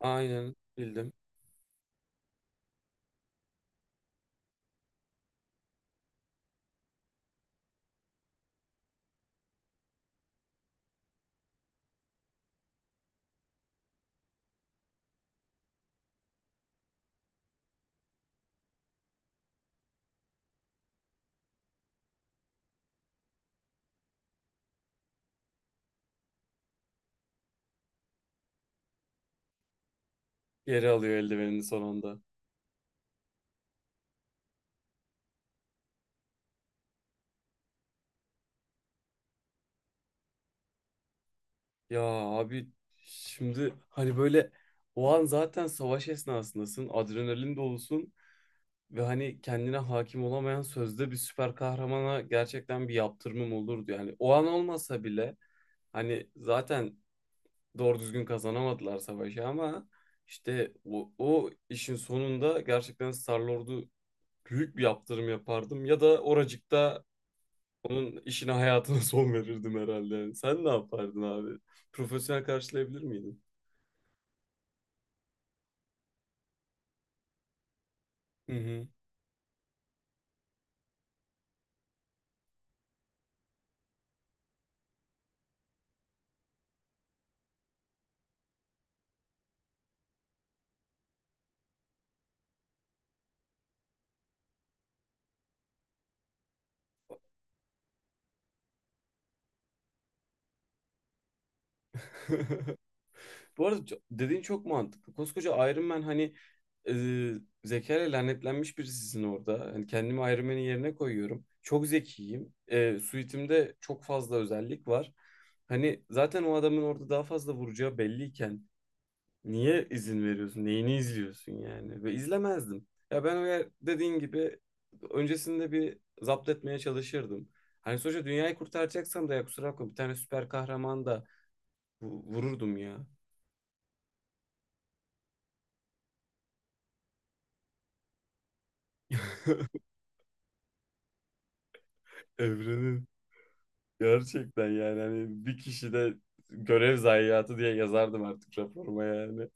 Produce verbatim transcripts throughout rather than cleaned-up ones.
Aynen bildim. Geri alıyor eldivenini sonunda. Ya abi, şimdi hani böyle o an zaten savaş esnasındasın. Adrenalin dolusun. Ve hani kendine hakim olamayan sözde bir süper kahramana gerçekten bir yaptırımım olurdu. Yani o an olmasa bile hani zaten doğru düzgün kazanamadılar savaşı ama işte o, o işin sonunda gerçekten Star-Lord'u büyük bir yaptırım yapardım. Ya da oracıkta onun işine, hayatına son verirdim herhalde. Sen ne yapardın abi? Profesyonel karşılayabilir miydin? Hı hı. Bu arada ço- dediğin çok mantıklı. Koskoca Iron Man, hani e, zekayla lanetlenmiş birisisin orada. Hani kendimi Iron Man'in yerine koyuyorum. Çok zekiyim. E, suitimde çok fazla özellik var. Hani zaten o adamın orada daha fazla vuracağı belliyken niye izin veriyorsun? Neyini izliyorsun yani? Ve izlemezdim. Ya ben, öyle dediğin gibi, öncesinde bir zapt etmeye çalışırdım. Hani sonuçta dünyayı kurtaracaksam da, ya kusura bakma, bir tane süper kahraman da vu- vururdum ya. Evrenin gerçekten, yani hani, bir kişide görev zayiatı diye yazardım artık raporuma yani.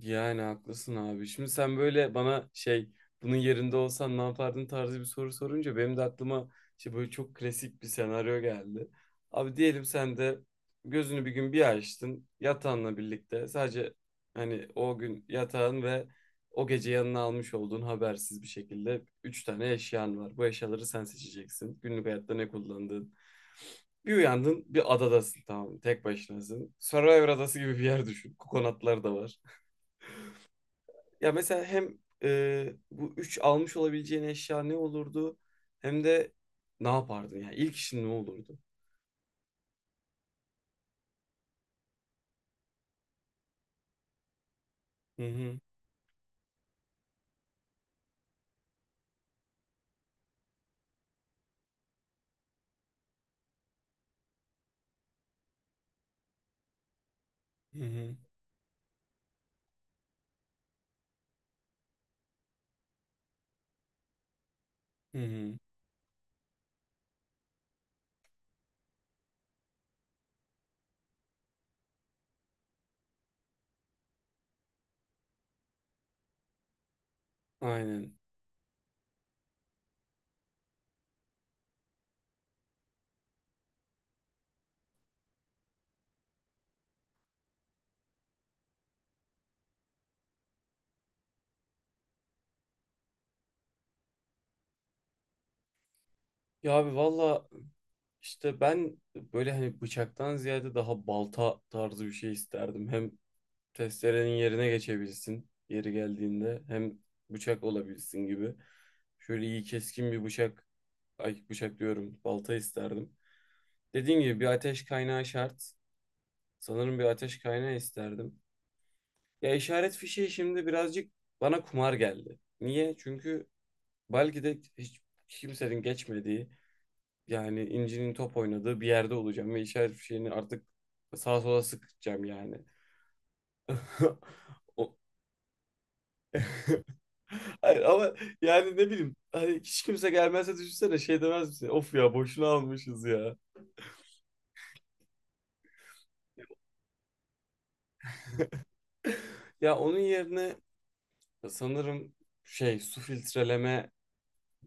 Yani haklısın abi. Şimdi sen böyle bana, şey, bunun yerinde olsan ne yapardın tarzı bir soru sorunca benim de aklıma işte böyle çok klasik bir senaryo geldi. Abi diyelim sen de gözünü bir gün bir açtın, yatağınla birlikte sadece, hani o gün yatağın ve o gece yanına almış olduğun habersiz bir şekilde üç tane eşyan var. Bu eşyaları sen seçeceksin. Günlük hayatta ne kullandığın. Bir uyandın bir adadasın, tamam mı? Tek başınasın. Survivor adası gibi bir yer düşün. Kokonatlar da var. Ya mesela hem e, bu üç almış olabileceğin eşya ne olurdu, hem de ne yapardın, yani ilk işin ne olurdu? Hı hı, hı hı, hı. Hı. Aynen. Ya abi valla, işte ben böyle, hani bıçaktan ziyade daha balta tarzı bir şey isterdim. Hem testerenin yerine geçebilsin yeri geldiğinde, hem bıçak olabilsin gibi. Şöyle iyi keskin bir bıçak, ay bıçak diyorum, balta isterdim. Dediğim gibi bir ateş kaynağı şart. Sanırım bir ateş kaynağı isterdim. Ya işaret fişeği şimdi birazcık bana kumar geldi. Niye? Çünkü belki de hiç kimsenin geçmediği, yani incinin top oynadığı bir yerde olacağım ve işaret fişeğini artık sağa sola sıkacağım yani. O- Hayır ama yani, ne bileyim, hani hiç kimse gelmezse düşünsene, şey demez misin? Of ya, boşuna almışız ya. Ya onun yerine sanırım, şey, su filtreleme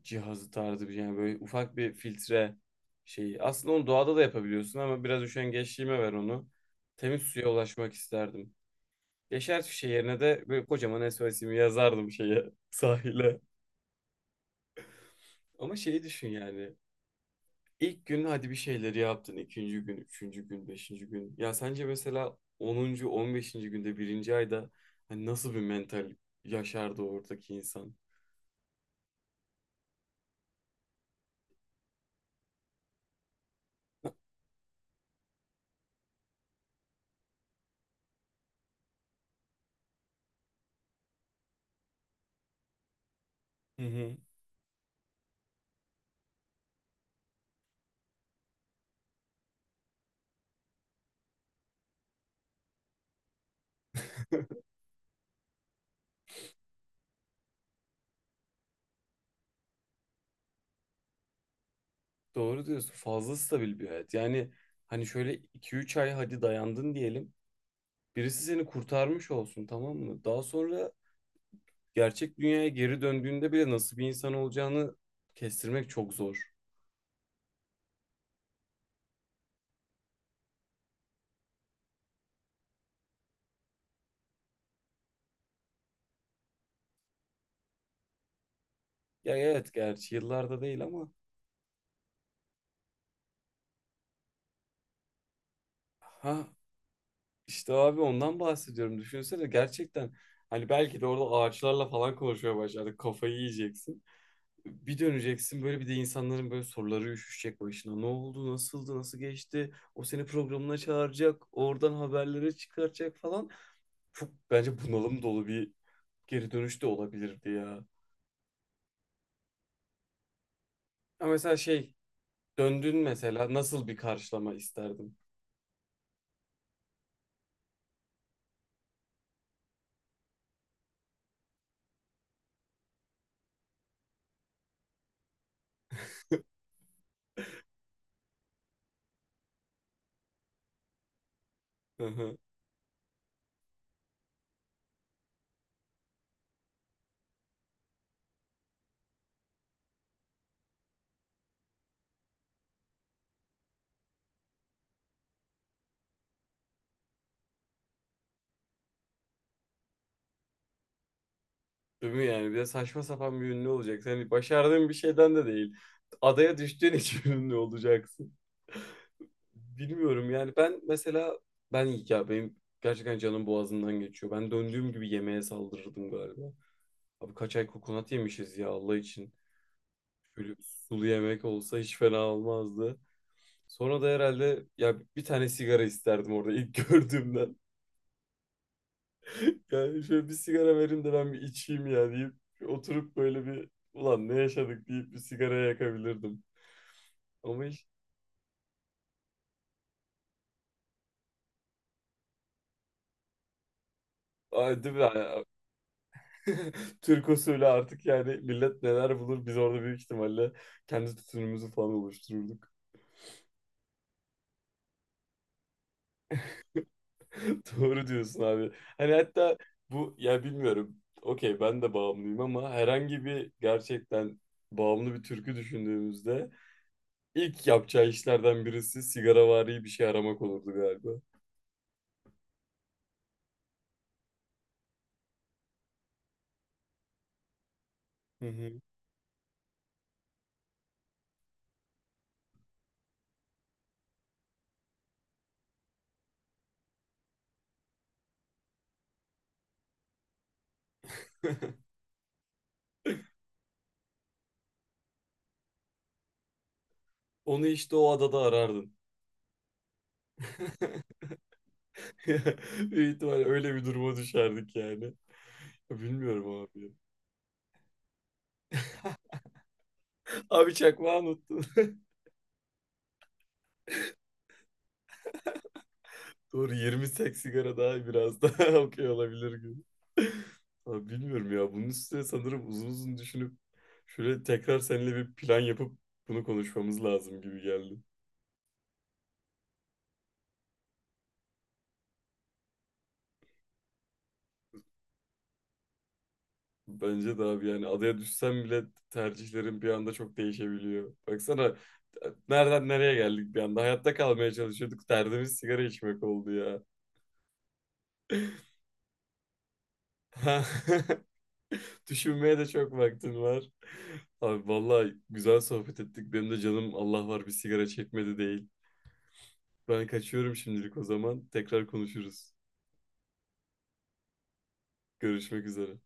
cihazı tarzı bir şey. Yani böyle ufak bir filtre şeyi. Aslında onu doğada da yapabiliyorsun ama biraz üşengeçliğime ver onu. Temiz suya ulaşmak isterdim. Yaşar fişeği yerine de böyle kocaman S O S'imi yazardım şeye, sahile. Ama şeyi düşün yani. İlk gün hadi bir şeyleri yaptın. İkinci gün, üçüncü gün, beşinci gün. Ya sence mesela onuncu, on beşinci günde, birinci ayda hani nasıl bir mental yaşardı oradaki insan? Hı hı. Doğru diyorsun. Fazla stabil bir hayat. Yani hani şöyle iki üç ay hadi dayandın diyelim. Birisi seni kurtarmış olsun, tamam mı? Daha sonra gerçek dünyaya geri döndüğünde bile nasıl bir insan olacağını kestirmek çok zor. Ya evet, gerçi yıllarda değil ama. Ha. İşte abi, ondan bahsediyorum. Düşünsene gerçekten, hani belki de orada ağaçlarla falan konuşmaya başladık. Kafayı yiyeceksin. Bir döneceksin, böyle bir de insanların böyle soruları üşüşecek başına. Ne oldu, nasıldı, nasıl geçti? O seni programına çağıracak, oradan haberleri çıkaracak falan. Çok bence bunalım dolu bir geri dönüş de olabilirdi ya. Ama mesela, şey, döndün mesela, nasıl bir karşılama isterdin? Değil mi yani? Bir de saçma sapan bir ünlü olacaksın. Hani başardığın bir şeyden de değil. Adaya düştüğün için ünlü olacaksın. Bilmiyorum yani, ben mesela, ben ya, benim gerçekten canım boğazımdan geçiyor. Ben döndüğüm gibi yemeğe saldırırdım galiba. Abi kaç ay kokonat yemişiz ya, Allah için. Şöyle bir sulu yemek olsa hiç fena olmazdı. Sonra da herhalde ya bir tane sigara isterdim, orada ilk gördüğümden. Yani şöyle bir sigara verin de ben bir içeyim ya, deyip oturup böyle bir, ulan ne yaşadık, deyip bir sigara yakabilirdim. Ama hiç. Ay, değil mi? Yani, Türk usulü artık yani, millet neler bulur, biz orada büyük ihtimalle kendi tutumumuzu falan oluştururduk. Doğru diyorsun abi. Hani hatta bu, ya bilmiyorum. Okey ben de bağımlıyım ama herhangi bir, gerçekten bağımlı bir türkü düşündüğümüzde ilk yapacağı işlerden birisi sigaravari bir şey aramak olurdu galiba. Hı hı. Onu işte o adada arardın. Büyük ihtimalle öyle bir duruma düşerdik yani. Bilmiyorum abi. Abi çakmağı unuttun. Doğru. Yirmi sek sigara daha, biraz daha okey olabilir gibi. Abi bilmiyorum ya. Bunun üstüne sanırım uzun uzun düşünüp şöyle tekrar seninle bir plan yapıp bunu konuşmamız lazım gibi geldi. Bence de abi, yani adaya düşsem bile tercihlerim bir anda çok değişebiliyor. Baksana nereden nereye geldik bir anda. Hayatta kalmaya çalışıyorduk. Derdimiz sigara içmek oldu ya. Ha. Düşünmeye de çok vaktin var. Abi vallahi güzel sohbet ettik. Benim de canım, Allah var, bir sigara çekmedi değil. Ben kaçıyorum şimdilik o zaman. Tekrar konuşuruz. Görüşmek üzere.